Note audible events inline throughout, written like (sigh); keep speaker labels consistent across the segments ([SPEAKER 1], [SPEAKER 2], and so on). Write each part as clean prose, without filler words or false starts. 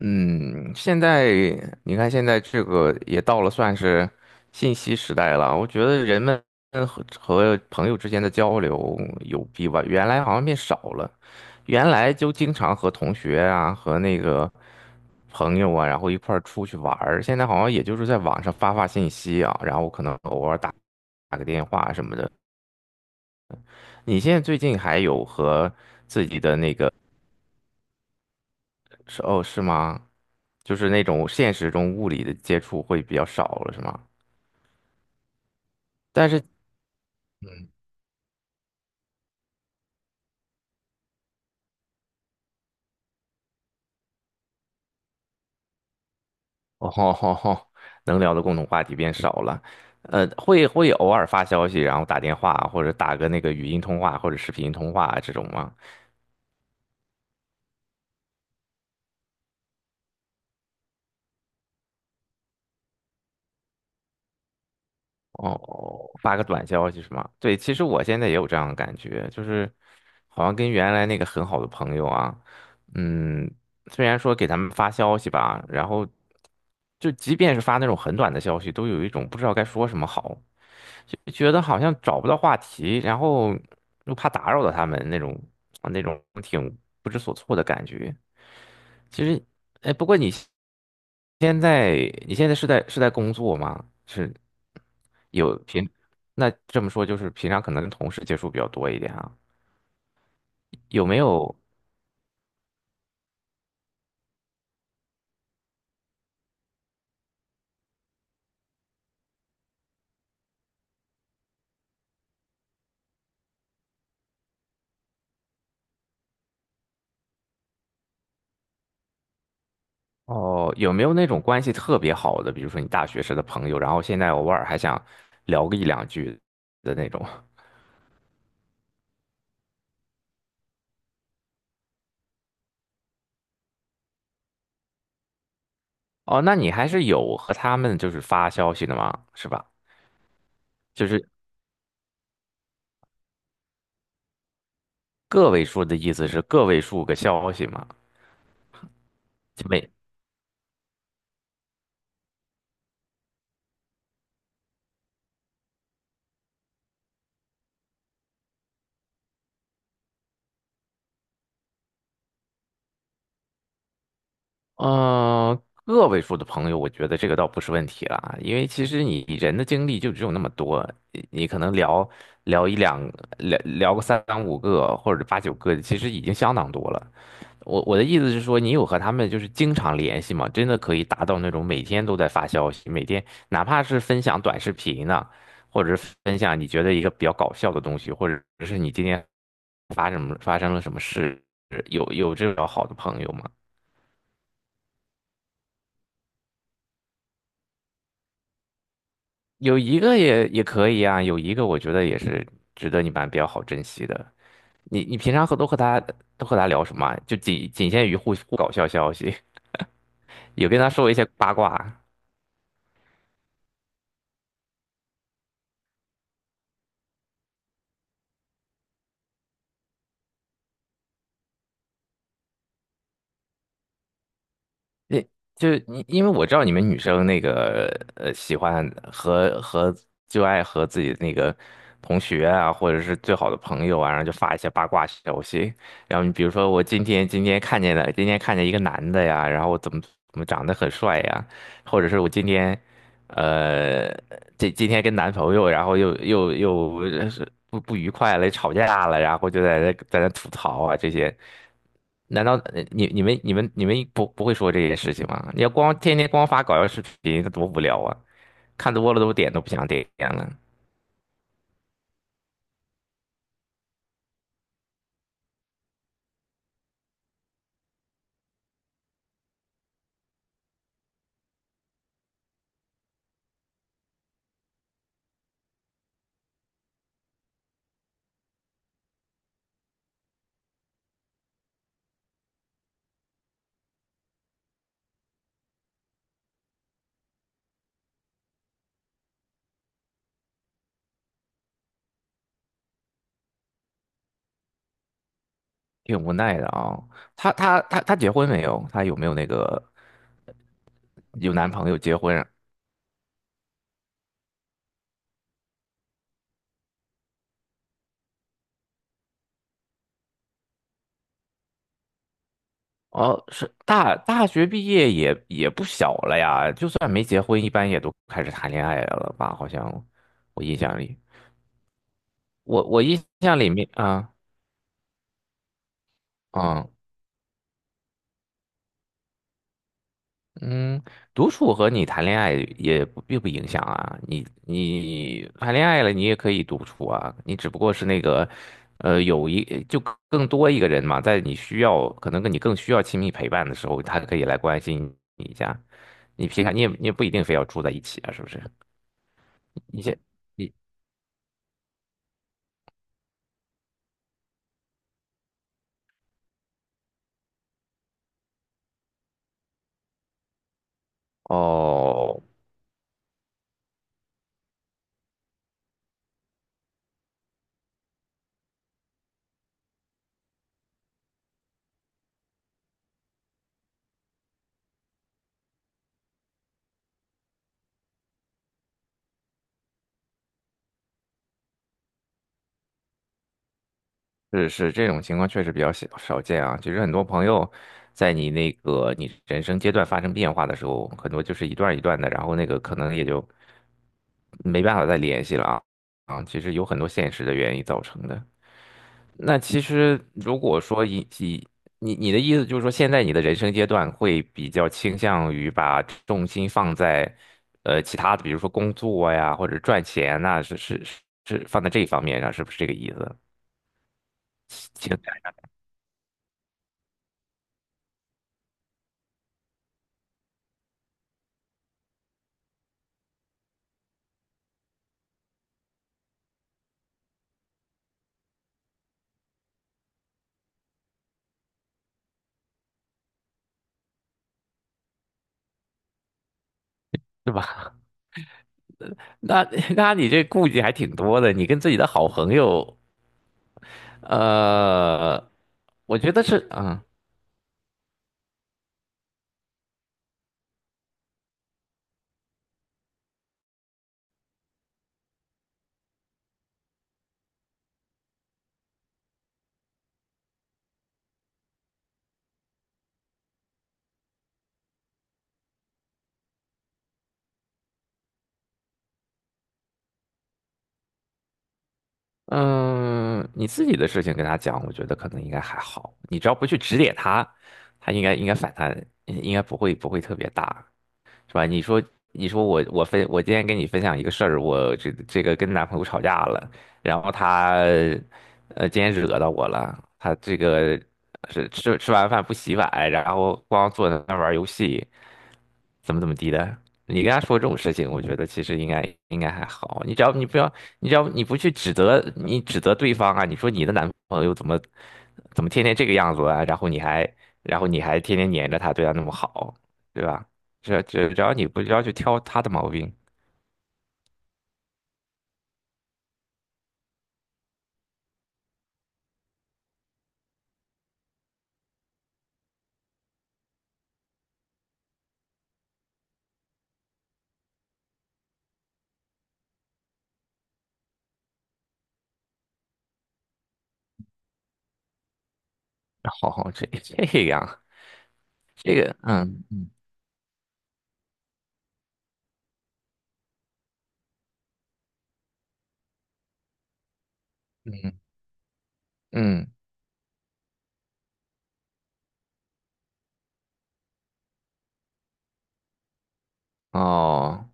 [SPEAKER 1] 嗯，现在你看，现在这个也到了算是信息时代了。我觉得人们和朋友之间的交流有比吧，原来好像变少了。原来就经常和同学啊，和那个朋友啊，然后一块儿出去玩儿。现在好像也就是在网上发发信息啊，然后可能偶尔打个电话什么的。你现在最近还有和自己的那个是哦，是吗？就是那种现实中物理的接触会比较少了，是吗？但是，嗯，哦吼吼吼，(laughs) 能聊的共同话题变少了。会偶尔发消息，然后打电话或者打个那个语音通话或者视频通话这种吗？哦，发个短消息是吗？对，其实我现在也有这样的感觉，就是好像跟原来那个很好的朋友啊，嗯，虽然说给他们发消息吧，然后就即便是发那种很短的消息，都有一种不知道该说什么好。就觉得好像找不到话题，然后又怕打扰到他们那种啊那种挺不知所措的感觉。其实，哎，不过你现在你现在是在工作吗？是有平，那这么说就是平常可能跟同事接触比较多一点啊。有没有哦？有没有那种关系特别好的，比如说你大学时的朋友，然后现在偶尔还想聊个一两句的那种？哦，那你还是有和他们就是发消息的吗？是吧？就是个位数的意思是个位数个消息嘛，就没，呃，个位数的朋友，我觉得这个倒不是问题了啊，因为其实你人的精力就只有那么多，你可能聊聊一两聊聊个三五个或者八九个，其实已经相当多了。我的意思是说，你有和他们就是经常联系吗？真的可以达到那种每天都在发消息，每天哪怕是分享短视频呢，或者是分享你觉得一个比较搞笑的东西，或者是你今天发生了什么事，有这种好的朋友吗？有一个也可以啊，有一个我觉得也是值得你们比较好珍惜的。你平常和都和他都和他聊什么啊就仅仅限于互搞笑消息，有跟他说一些八卦啊。那就因为我知道你们女生那个喜欢和就爱和自己的那个同学啊，或者是最好的朋友啊，然后就发一些八卦消息。然后你比如说，我今天看见了，今天看见一个男的呀，然后我怎么长得很帅呀，或者是我今天呃，这今天跟男朋友，然后又是不愉快了，吵架了，然后就在那吐槽啊这些。难道你们不会说这些事情吗？你要光天天光发搞笑视频，那多无聊啊！看多了都点都不想点了，挺无奈的啊、她结婚没有？她有没有那个有男朋友结婚啊？哦，是大学毕业也不小了呀，就算没结婚，一般也都开始谈恋爱了吧？好像我印象里，我印象里面啊，嗯，嗯，独处和你谈恋爱也不并不影响啊。你你谈恋爱了，你也可以独处啊。你只不过是那个，有一就更多一个人嘛，在你需要可能跟你更需要亲密陪伴的时候，他可以来关心你一下。你平常你也不一定非要住在一起啊，是不是？你先你哦，是是，这种情况确实比较少见啊。其实很多朋友在你那个你人生阶段发生变化的时候，很多就是一段一段的，然后那个可能也就没办法再联系了啊。其实有很多现实的原因造成的。那其实如果说你你的意思就是说，现在你的人生阶段会比较倾向于把重心放在呃其他的，比如说工作呀或者赚钱呐、是放在这一方面上，是不是这个意思？情感对吧？那 (laughs) 那你这顾忌还挺多的，你跟自己的好朋友，呃，我觉得是，嗯嗯，你自己的事情跟他讲，我觉得可能应该还好，你只要不去指点他，他应该反弹，应该不会特别大。是吧？你说，你说我今天跟你分享一个事儿，我这个跟男朋友吵架了，然后他今天惹到我了，他这个是吃完饭不洗碗，然后光坐在那儿玩游戏，怎么地的。你跟他说这种事情，我觉得其实应该还好。你只要你不要，你只要你不去指责对方啊，你说你的男朋友怎么天天这个样子啊，然后你还天天黏着他，对他那么好，对吧？只要你不要去挑他的毛病，好好，这这样，这个，嗯嗯嗯嗯，哦，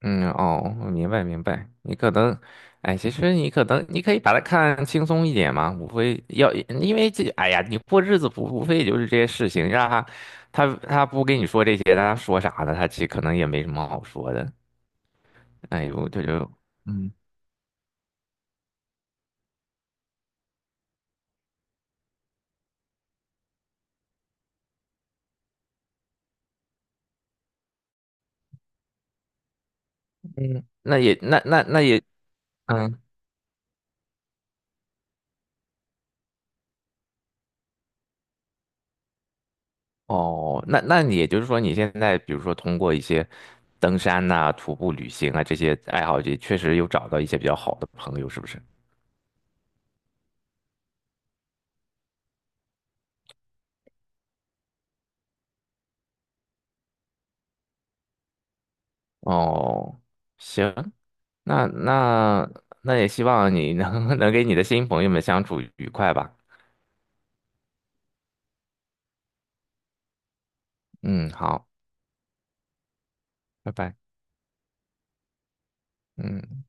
[SPEAKER 1] 嗯哦，我明白。你可能，哎，其实你可能你可以把它看轻松一点嘛，无非要，因为这，哎呀，你过日子不无非也就是这些事情，让他他不跟你说这些，那他说啥呢？他其实可能也没什么好说的。哎呦，这就，嗯嗯，那也那那也，嗯。哦，那你也就是说，你现在比如说通过一些登山呐、徒步旅行啊这些爱好，也确实有找到一些比较好的朋友，是不是？哦，行，那那那也希望你能 (laughs) 能给你的新朋友们相处愉快吧。嗯，好，拜拜。嗯。